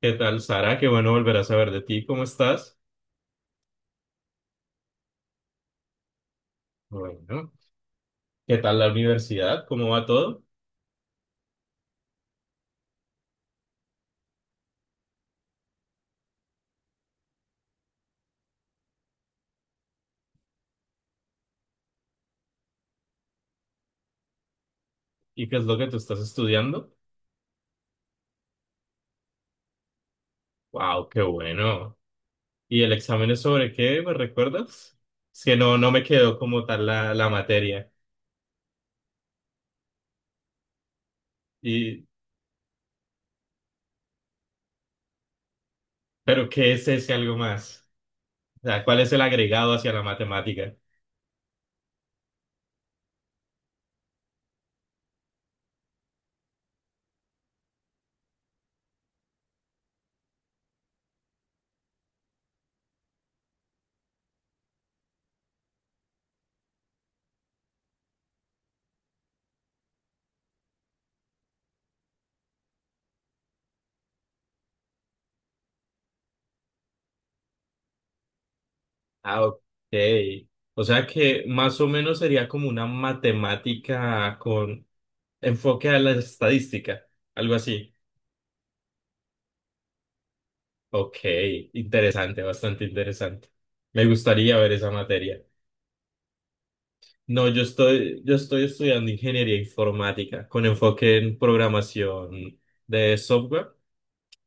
¿Qué tal, Sara? Qué bueno volver a saber de ti. ¿Cómo estás? Bueno. ¿Qué tal la universidad? ¿Cómo va todo? ¿Y qué es lo que tú estás estudiando? ¡Wow! ¡Qué bueno! ¿Y el examen es sobre qué? ¿Me recuerdas? Es que no me quedó como tal la materia. Y, ¿Pero qué es ese algo más? O sea, ¿cuál es el agregado hacia la matemática? Ah, ok. O sea que más o menos sería como una matemática con enfoque a la estadística, algo así. Ok, interesante, bastante interesante. Me gustaría ver esa materia. No, yo estoy estudiando ingeniería informática con enfoque en programación de software,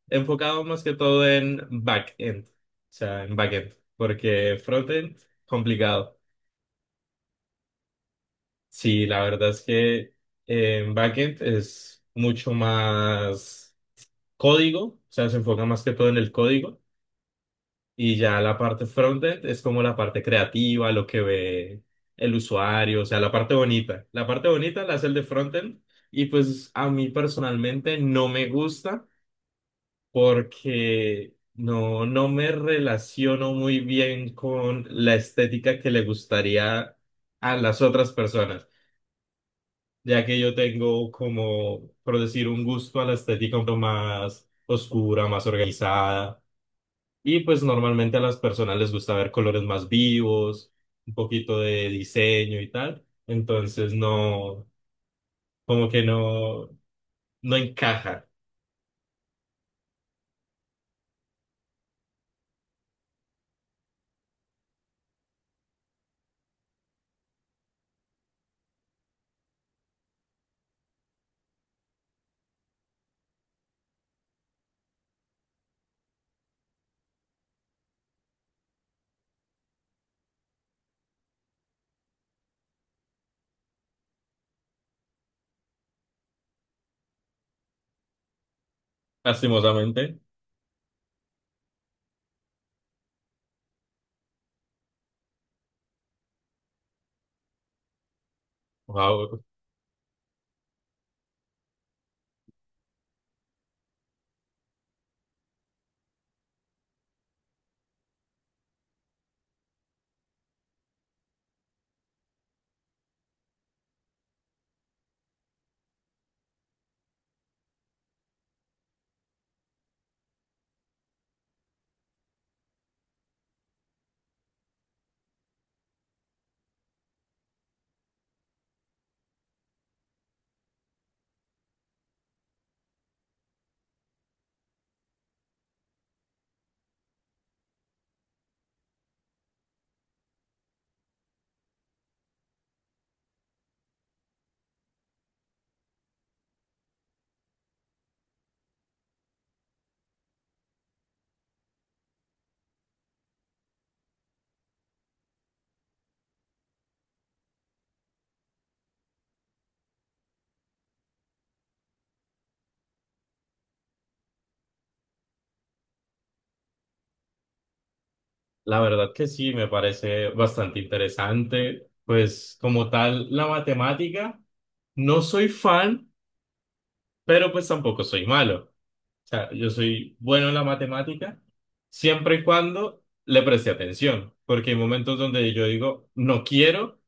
enfocado más que todo en backend, o sea, en backend, porque frontend, complicado. Sí, la verdad es que en backend es mucho más código, o sea, se enfoca más que todo en el código. Y ya la parte frontend es como la parte creativa, lo que ve el usuario, o sea, la parte bonita. La parte bonita la hace el de frontend y pues a mí personalmente no me gusta porque no me relaciono muy bien con la estética que le gustaría a las otras personas, ya que yo tengo como, por decir, un gusto a la estética un poco más oscura, más organizada. Y pues normalmente a las personas les gusta ver colores más vivos, un poquito de diseño y tal. Entonces no, como que no encaja, lastimosamente. Wow. La verdad que sí, me parece bastante interesante. Pues como tal, la matemática, no soy fan, pero pues tampoco soy malo. O sea, yo soy bueno en la matemática siempre y cuando le preste atención, porque hay momentos donde yo digo, no quiero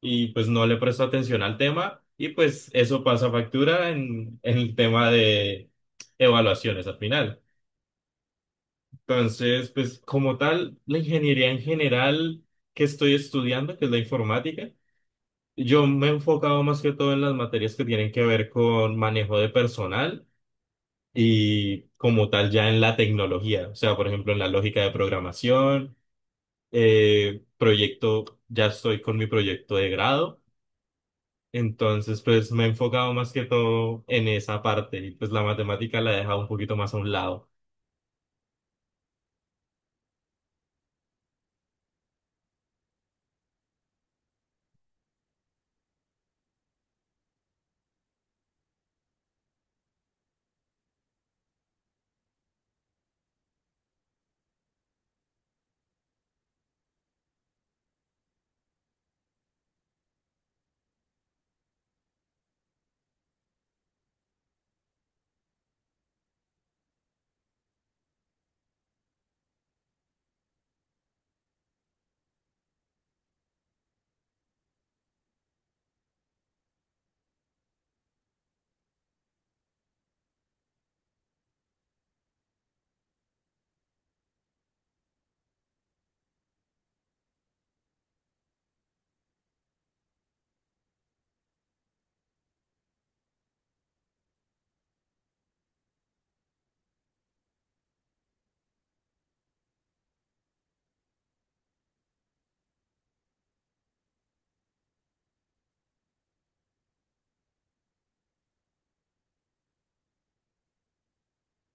y pues no le presto atención al tema y pues eso pasa factura en el tema de evaluaciones al final. Entonces, pues como tal, la ingeniería en general que estoy estudiando, que es la informática, yo me he enfocado más que todo en las materias que tienen que ver con manejo de personal y como tal ya en la tecnología, o sea, por ejemplo, en la lógica de programación, proyecto, ya estoy con mi proyecto de grado. Entonces, pues me he enfocado más que todo en esa parte y pues la matemática la he dejado un poquito más a un lado.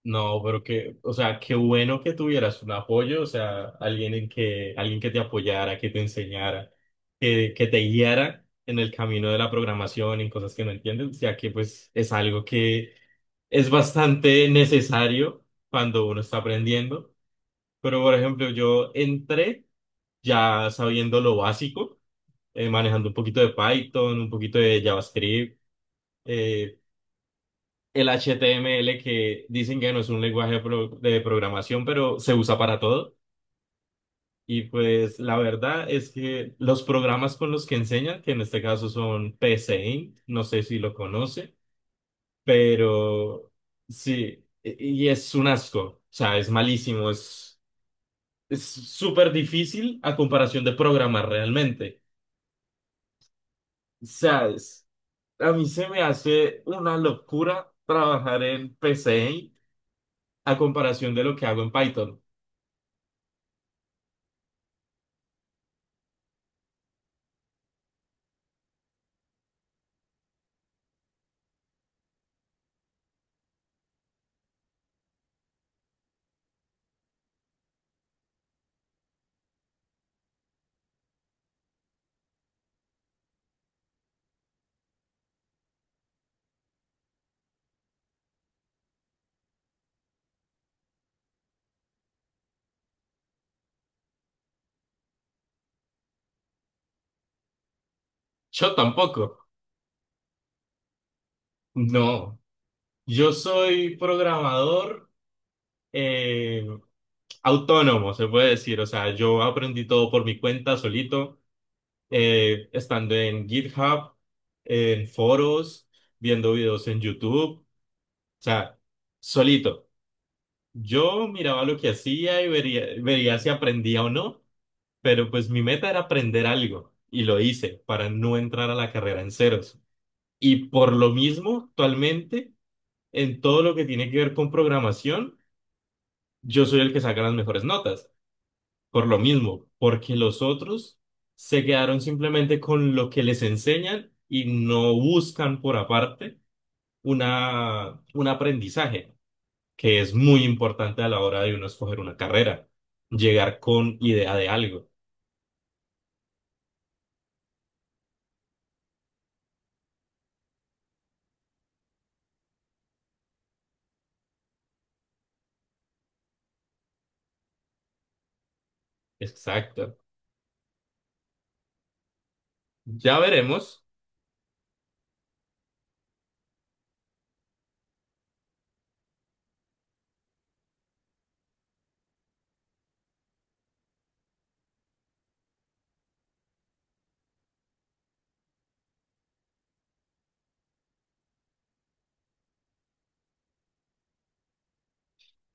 No, pero que, o sea, qué bueno que tuvieras un apoyo, o sea, alguien que te apoyara, que te enseñara, que te guiara en el camino de la programación, en cosas que no entiendes, ya que pues es algo que es bastante necesario cuando uno está aprendiendo. Pero, por ejemplo, yo entré ya sabiendo lo básico, manejando un poquito de Python, un poquito de JavaScript, eh, el HTML que dicen que no es un lenguaje de programación, pero se usa para todo. Y pues la verdad es que los programas con los que enseñan, que en este caso son PSeInt, no sé si lo conoce, pero sí, y es un asco, o sea, es malísimo, es súper difícil a comparación de programar realmente. ¿Sabes? A mí se me hace una locura trabajar en P PCI a comparación de lo que hago en Python. Yo tampoco. No. Yo soy programador eh, autónomo, se puede decir. O sea, yo aprendí todo por mi cuenta, solito, estando en GitHub, en foros, viendo videos en YouTube. O sea, solito. Yo miraba lo que hacía y vería si aprendía o no. Pero pues mi meta era aprender algo y lo hice para no entrar a la carrera en ceros. Y por lo mismo, actualmente, en todo lo que tiene que ver con programación, yo soy el que saca las mejores notas. Por lo mismo, porque los otros se quedaron simplemente con lo que les enseñan y no buscan por aparte un aprendizaje, que es muy importante a la hora de uno escoger una carrera, llegar con idea de algo. Exacto. Ya veremos.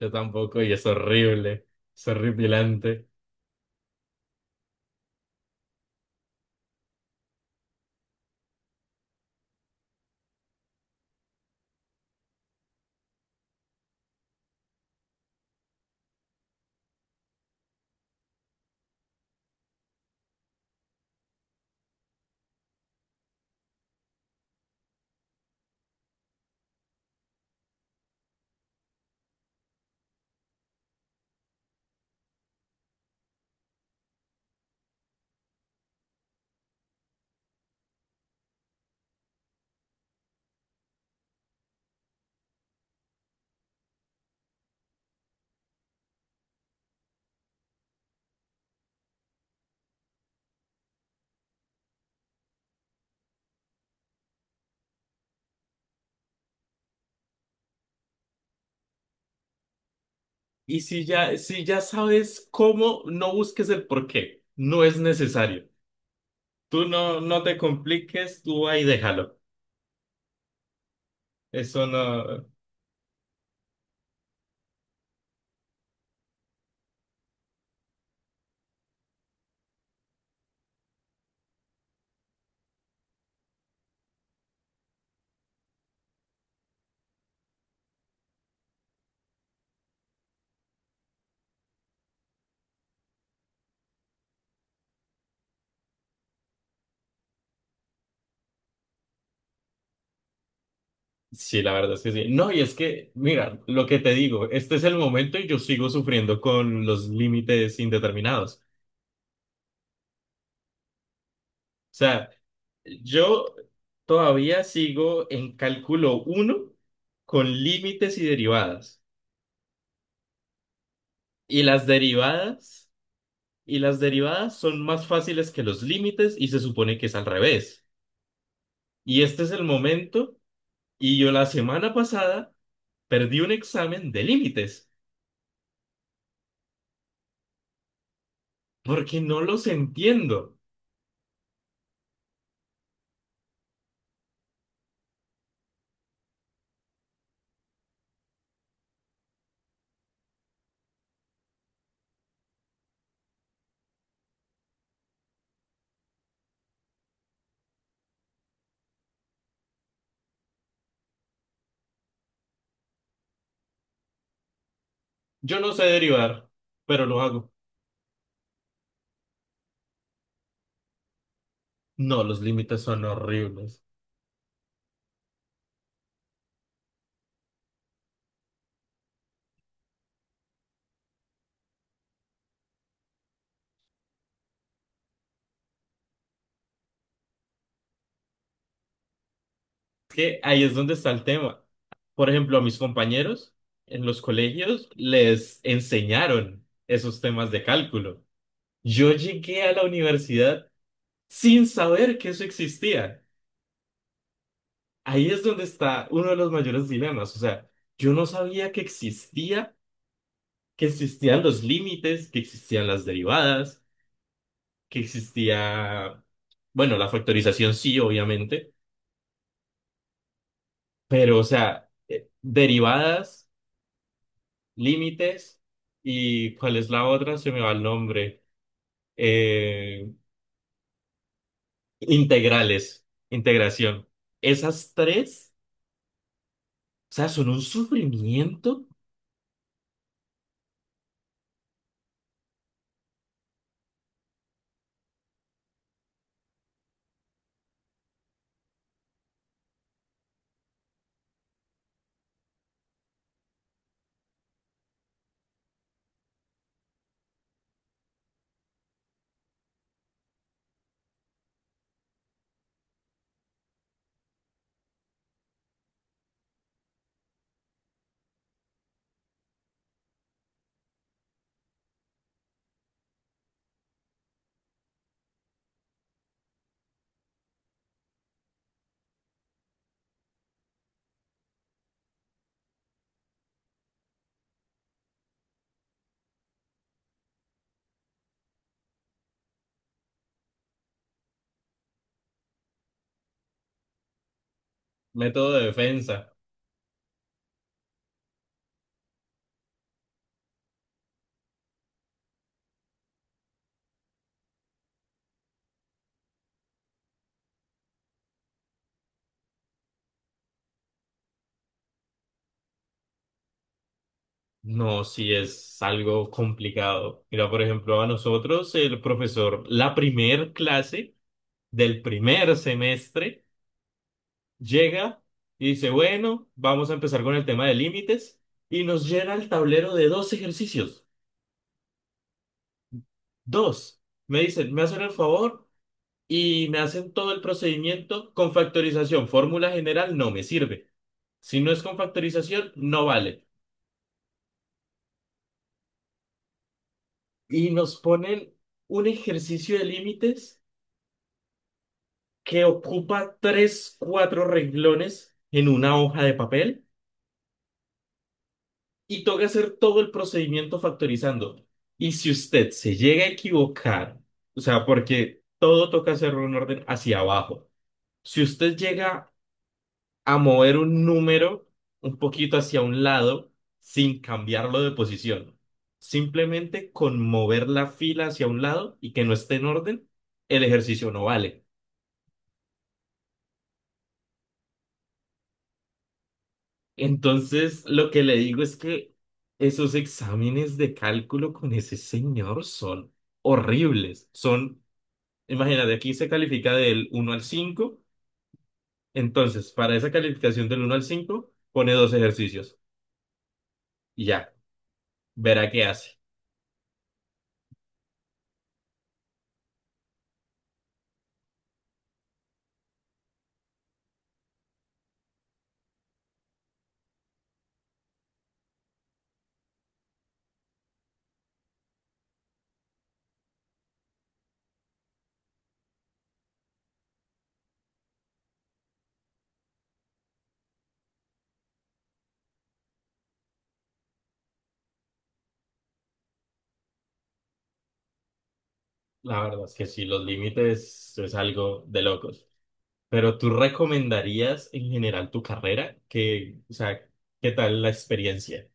Yo tampoco, y es horrible, es horripilante. Y si ya sabes cómo, no busques el por qué, no es necesario. Tú no te compliques, tú ahí déjalo. Eso no. Sí, la verdad es que sí. No, y es que, mira, lo que te digo, este es el momento y yo sigo sufriendo con los límites indeterminados. O sea, yo todavía sigo en cálculo uno con límites y derivadas. Y las derivadas. Y las derivadas son más fáciles que los límites y se supone que es al revés. Y este es el momento y yo la semana pasada perdí un examen de límites porque no los entiendo. Yo no sé derivar, pero lo hago. No, los límites son horribles. Es que ahí es donde está el tema. Por ejemplo, a mis compañeros en los colegios les enseñaron esos temas de cálculo. Yo llegué a la universidad sin saber que eso existía. Ahí es donde está uno de los mayores dilemas. O sea, yo no sabía que existía, que existían los límites, que existían las derivadas, que existía, bueno, la factorización sí, obviamente, pero o sea, derivadas, límites y ¿cuál es la otra? Se me va el nombre. Eh, integrales, integración. Esas tres, o sea, son un sufrimiento, método de defensa. No, sí es algo complicado. Mira, por ejemplo, a nosotros el profesor, la primer clase del primer semestre, llega y dice, bueno, vamos a empezar con el tema de límites y nos llena el tablero de dos ejercicios. Dos. Me dicen, me hacen el favor y me hacen todo el procedimiento con factorización. Fórmula general no me sirve. Si no es con factorización, no vale. Y nos ponen un ejercicio de límites que ocupa tres, cuatro renglones en una hoja de papel y toca hacer todo el procedimiento factorizando. Y si usted se llega a equivocar, o sea, porque todo toca hacerlo en orden hacia abajo, si usted llega a mover un número un poquito hacia un lado sin cambiarlo de posición, simplemente con mover la fila hacia un lado y que no esté en orden, el ejercicio no vale. Entonces, lo que le digo es que esos exámenes de cálculo con ese señor son horribles. Son, imagínate, aquí se califica del uno al cinco. Entonces, para esa calificación del uno al 5 pone dos ejercicios y ya, verá qué hace. La verdad es que sí, los límites es algo de locos. Pero ¿tú recomendarías en general tu carrera? Que, o sea, ¿qué tal la experiencia?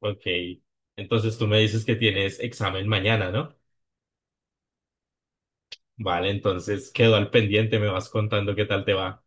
Ok, entonces tú me dices que tienes examen mañana, ¿no? Vale, entonces quedo al pendiente, me vas contando qué tal te va.